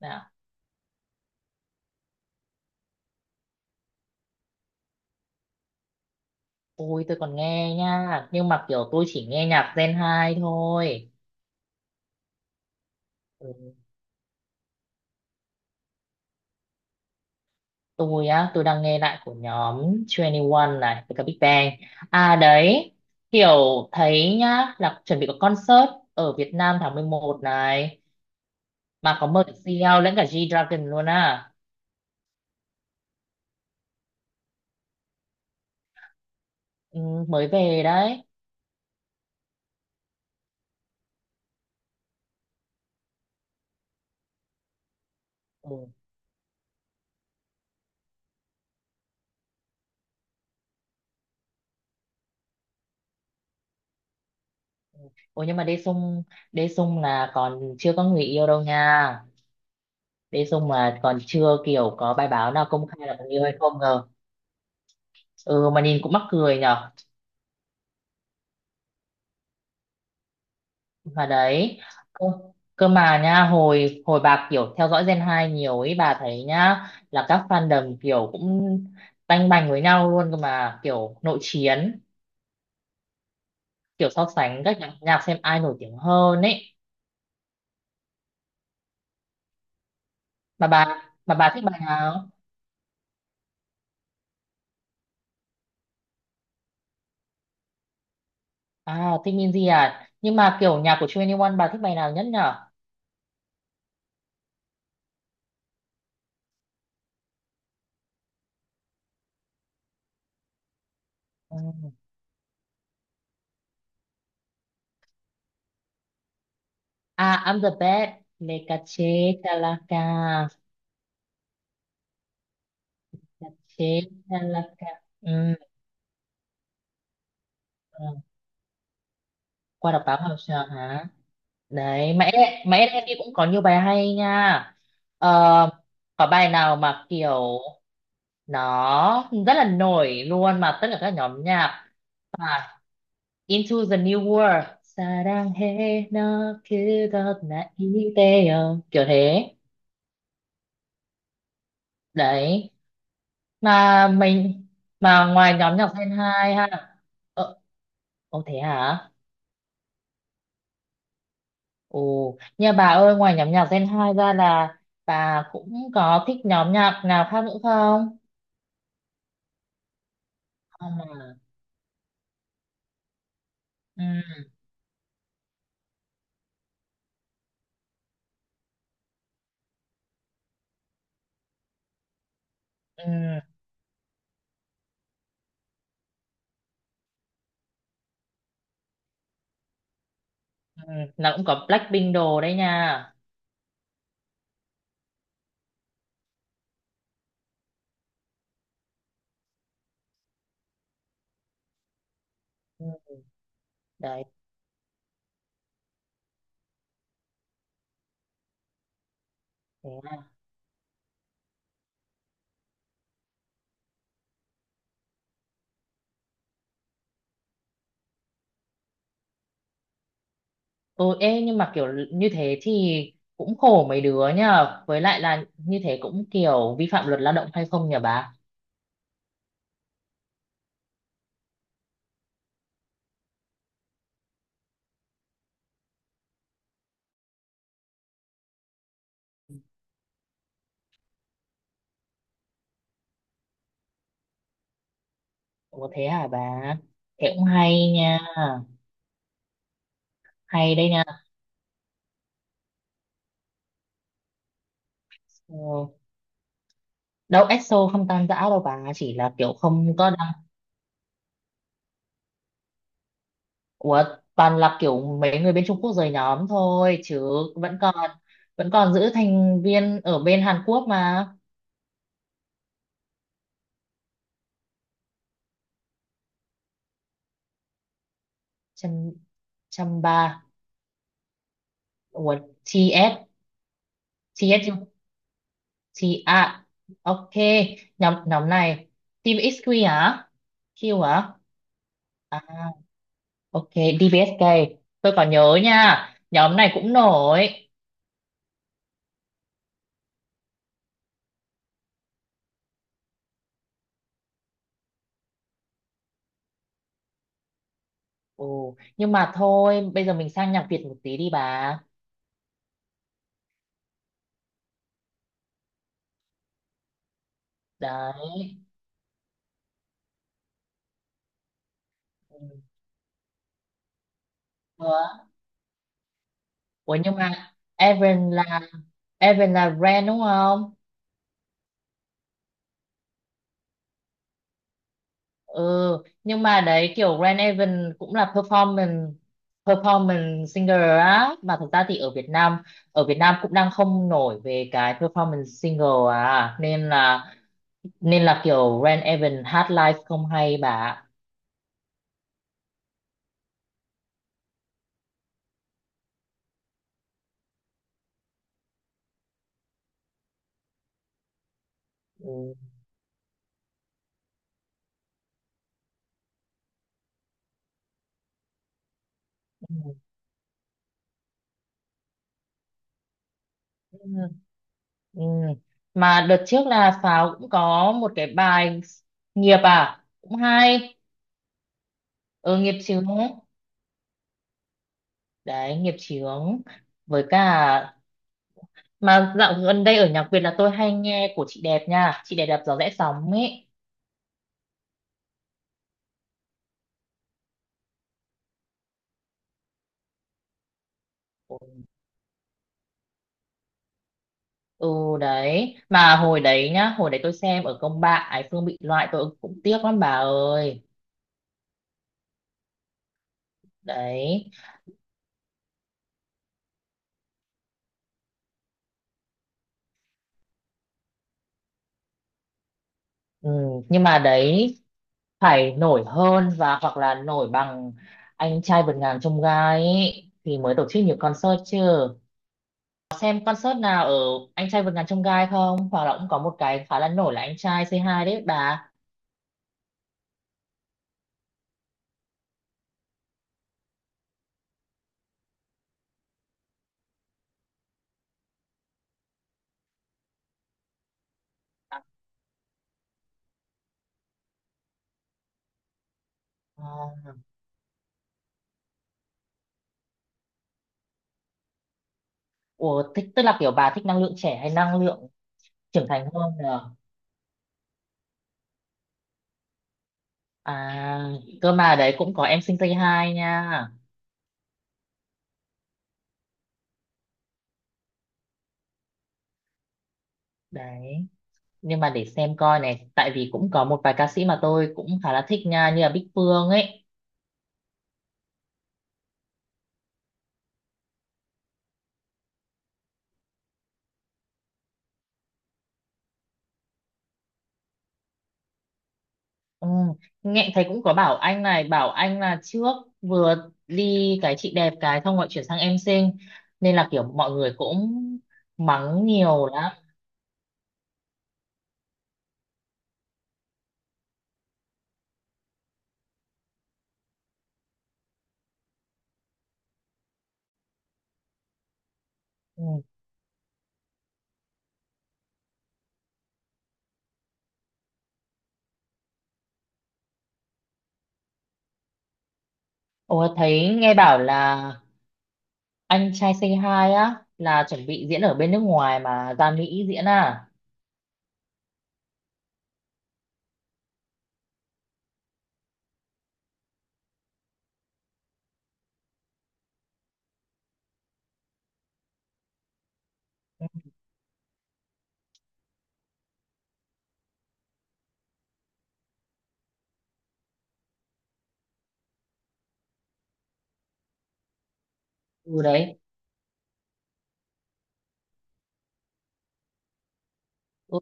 Dạ. Ôi tôi còn nghe nha. Nhưng mà kiểu tôi chỉ nghe nhạc Gen 2 thôi. Ừ, tôi á tôi đang nghe lại của nhóm Twenty One này. Với cả Big Bang. À đấy, kiểu thấy nhá là chuẩn bị có concert ở Việt Nam tháng 11 này. Mà có mời CL lẫn cả G-Dragon luôn à. Ừ, mới về đấy. Ừ. Ôi nhưng mà Đê Sung, Đê Sung là còn chưa có người yêu đâu nha. Đê Sung mà còn chưa kiểu có bài báo nào công khai là có người yêu hay không ngờ. Ừ mà nhìn cũng mắc cười nhở. Mà đấy, cơ, cơ mà nha hồi hồi bà kiểu theo dõi Gen 2 nhiều ấy, bà thấy nhá là các fandom kiểu cũng tanh bành với nhau luôn cơ mà kiểu nội chiến, kiểu so sánh các nhạc xem ai nổi tiếng hơn ấy. Mà bà thích bài nào? À thích Minzy à, nhưng mà kiểu nhạc của 21 bà thích bài nào nhất nhở? Ừ. À I'm the best. Lekache Talaka. Lekache Talaka. Ừ. Ừ. Qua đọc báo học sao hả? Đấy mẹ, mẹ em đi cũng có nhiều bài hay nha. Ờ, có bài nào mà kiểu nó rất là nổi luôn mà tất cả các nhóm nhạc. À, Into the New World. 사랑해 너 그것 나 이대요, kiểu thế. Đấy mà mình, mà ngoài nhóm nhạc Gen 2 ha. Ờ, ồ thế hả. Ồ, nhà bà ơi, ngoài nhóm nhạc Gen 2 ra là bà cũng có thích nhóm nhạc nào khác nữa không? À, ừ, ừ, ừ, là cũng có Blackpink đồ đấy nha. Ừ, đấy. Thế là- Ồ, ê, nhưng mà kiểu như thế thì cũng khổ mấy đứa nhờ. Với lại là như thế cũng kiểu vi phạm luật lao động hay không nhờ bà? Ủa thế hả bà? Thế cũng hay nha. Hay đây nha. Ừ. Đâu EXO không tan rã đâu bà, chỉ là kiểu không có. Ủa, toàn là kiểu mấy người bên Trung Quốc rời nhóm thôi chứ vẫn còn vẫn còn giữ thành viên ở bên Hàn Quốc mà. Trăm, trăm ba. Ủa, TS, TS chứ? T, à ok, nhóm nhóm này Team XQ hả? Q hả? À ok, DBSK, tôi còn nhớ nha, nhóm này cũng nổi. Ồ, nhưng mà thôi bây giờ mình sang nhạc Việt một tí đi bà. Đấy. Ừ. Ủa nhưng mà Evan là Evan là Ren đúng không? Ừ, nhưng mà đấy kiểu Ren Evan cũng là performance performance singer á, mà thực ra thì ở Việt Nam cũng đang không nổi về cái performance single, à nên là, nên là kiểu Ren Evan hát live không hay bà ạ. Ừ. Ừ. Ừ. Ừ. Mà đợt trước là Pháo cũng có một cái bài nghiệp à cũng hay. Ừ nghiệp chứ, đấy nghiệp chướng. Với cả mà dạo gần đây ở nhạc Việt là tôi hay nghe của chị đẹp nha, chị đẹp đạp gió rẽ sóng ấy. Ừ đấy, mà hồi đấy nhá, hồi đấy tôi xem ở công bạn Ái Phương bị loại tôi cũng tiếc lắm bà ơi. Đấy. Ừ, nhưng mà đấy phải nổi hơn và hoặc là nổi bằng anh trai vượt ngàn chông gai ấy, thì mới tổ chức nhiều concert chứ. Xem concert nào ở anh trai vượt ngàn chông gai không, hoặc là cũng có một cái khá là nổi là anh trai c hai đấy bà. À, ủa, thích tức là kiểu bà thích năng lượng trẻ hay năng lượng trưởng thành hơn nhờ? À, cơ mà đấy cũng có em sinh tây hai nha. Đấy, nhưng mà để xem coi này, tại vì cũng có một vài ca sĩ mà tôi cũng khá là thích nha, như là Bích Phương ấy. Ừ, nghe thấy cũng có bảo anh này, bảo anh là trước vừa đi cái chị đẹp cái xong rồi chuyển sang em sinh, nên là kiểu mọi người cũng mắng nhiều lắm. Ừ. Ủa thấy nghe bảo là anh trai Say Hi á là chuẩn bị diễn ở bên nước ngoài mà ra Mỹ diễn à. Ừ đấy. Ừ,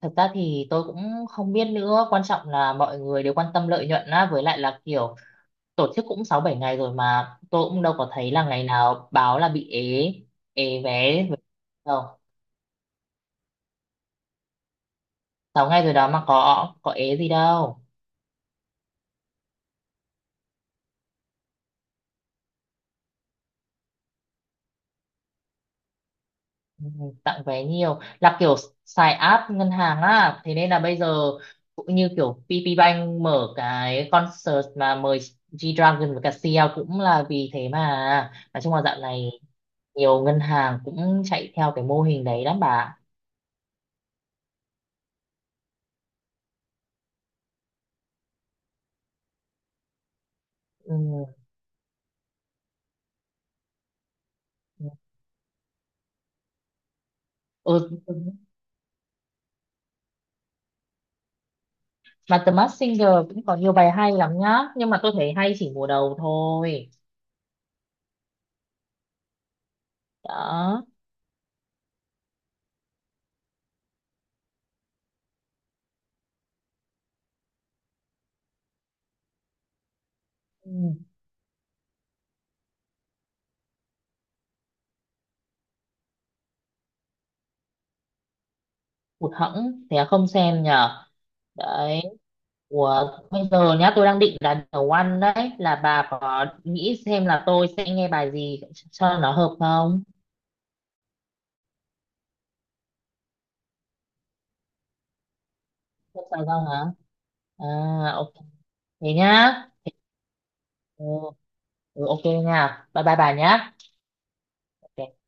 thật ra thì tôi cũng không biết nữa, quan trọng là mọi người đều quan tâm lợi nhuận á, với lại là kiểu tổ chức cũng sáu bảy ngày rồi mà tôi cũng đâu có thấy là ngày nào báo là bị ế. Ế vé đâu. Sáu ngày rồi đó mà có ế gì đâu. Ừ, tặng vé nhiều là kiểu xài app ngân hàng á, thế nên là bây giờ cũng như kiểu PPBank mở cái concert mà mời G-Dragon và cả CL cũng là vì thế, mà nói chung là dạo này nhiều ngân hàng cũng chạy theo cái mô hình đấy lắm bà. Ừ. Ừ. Mà The Masked Singer cũng có nhiều bài hay lắm nhá, nhưng mà tôi thấy hay chỉ mùa đầu thôi. Đó. Ừ. Hụt hẫng thế là không xem nhở. Đấy. Ủa, bây giờ nhá tôi đang định là nấu ăn đấy, là bà có nghĩ xem là tôi sẽ nghe bài gì cho nó hợp không? Không sao đâu hả? À ok, thế nhá. Ừ, ừ, ok nha. Bye bye bà nhá. Ok.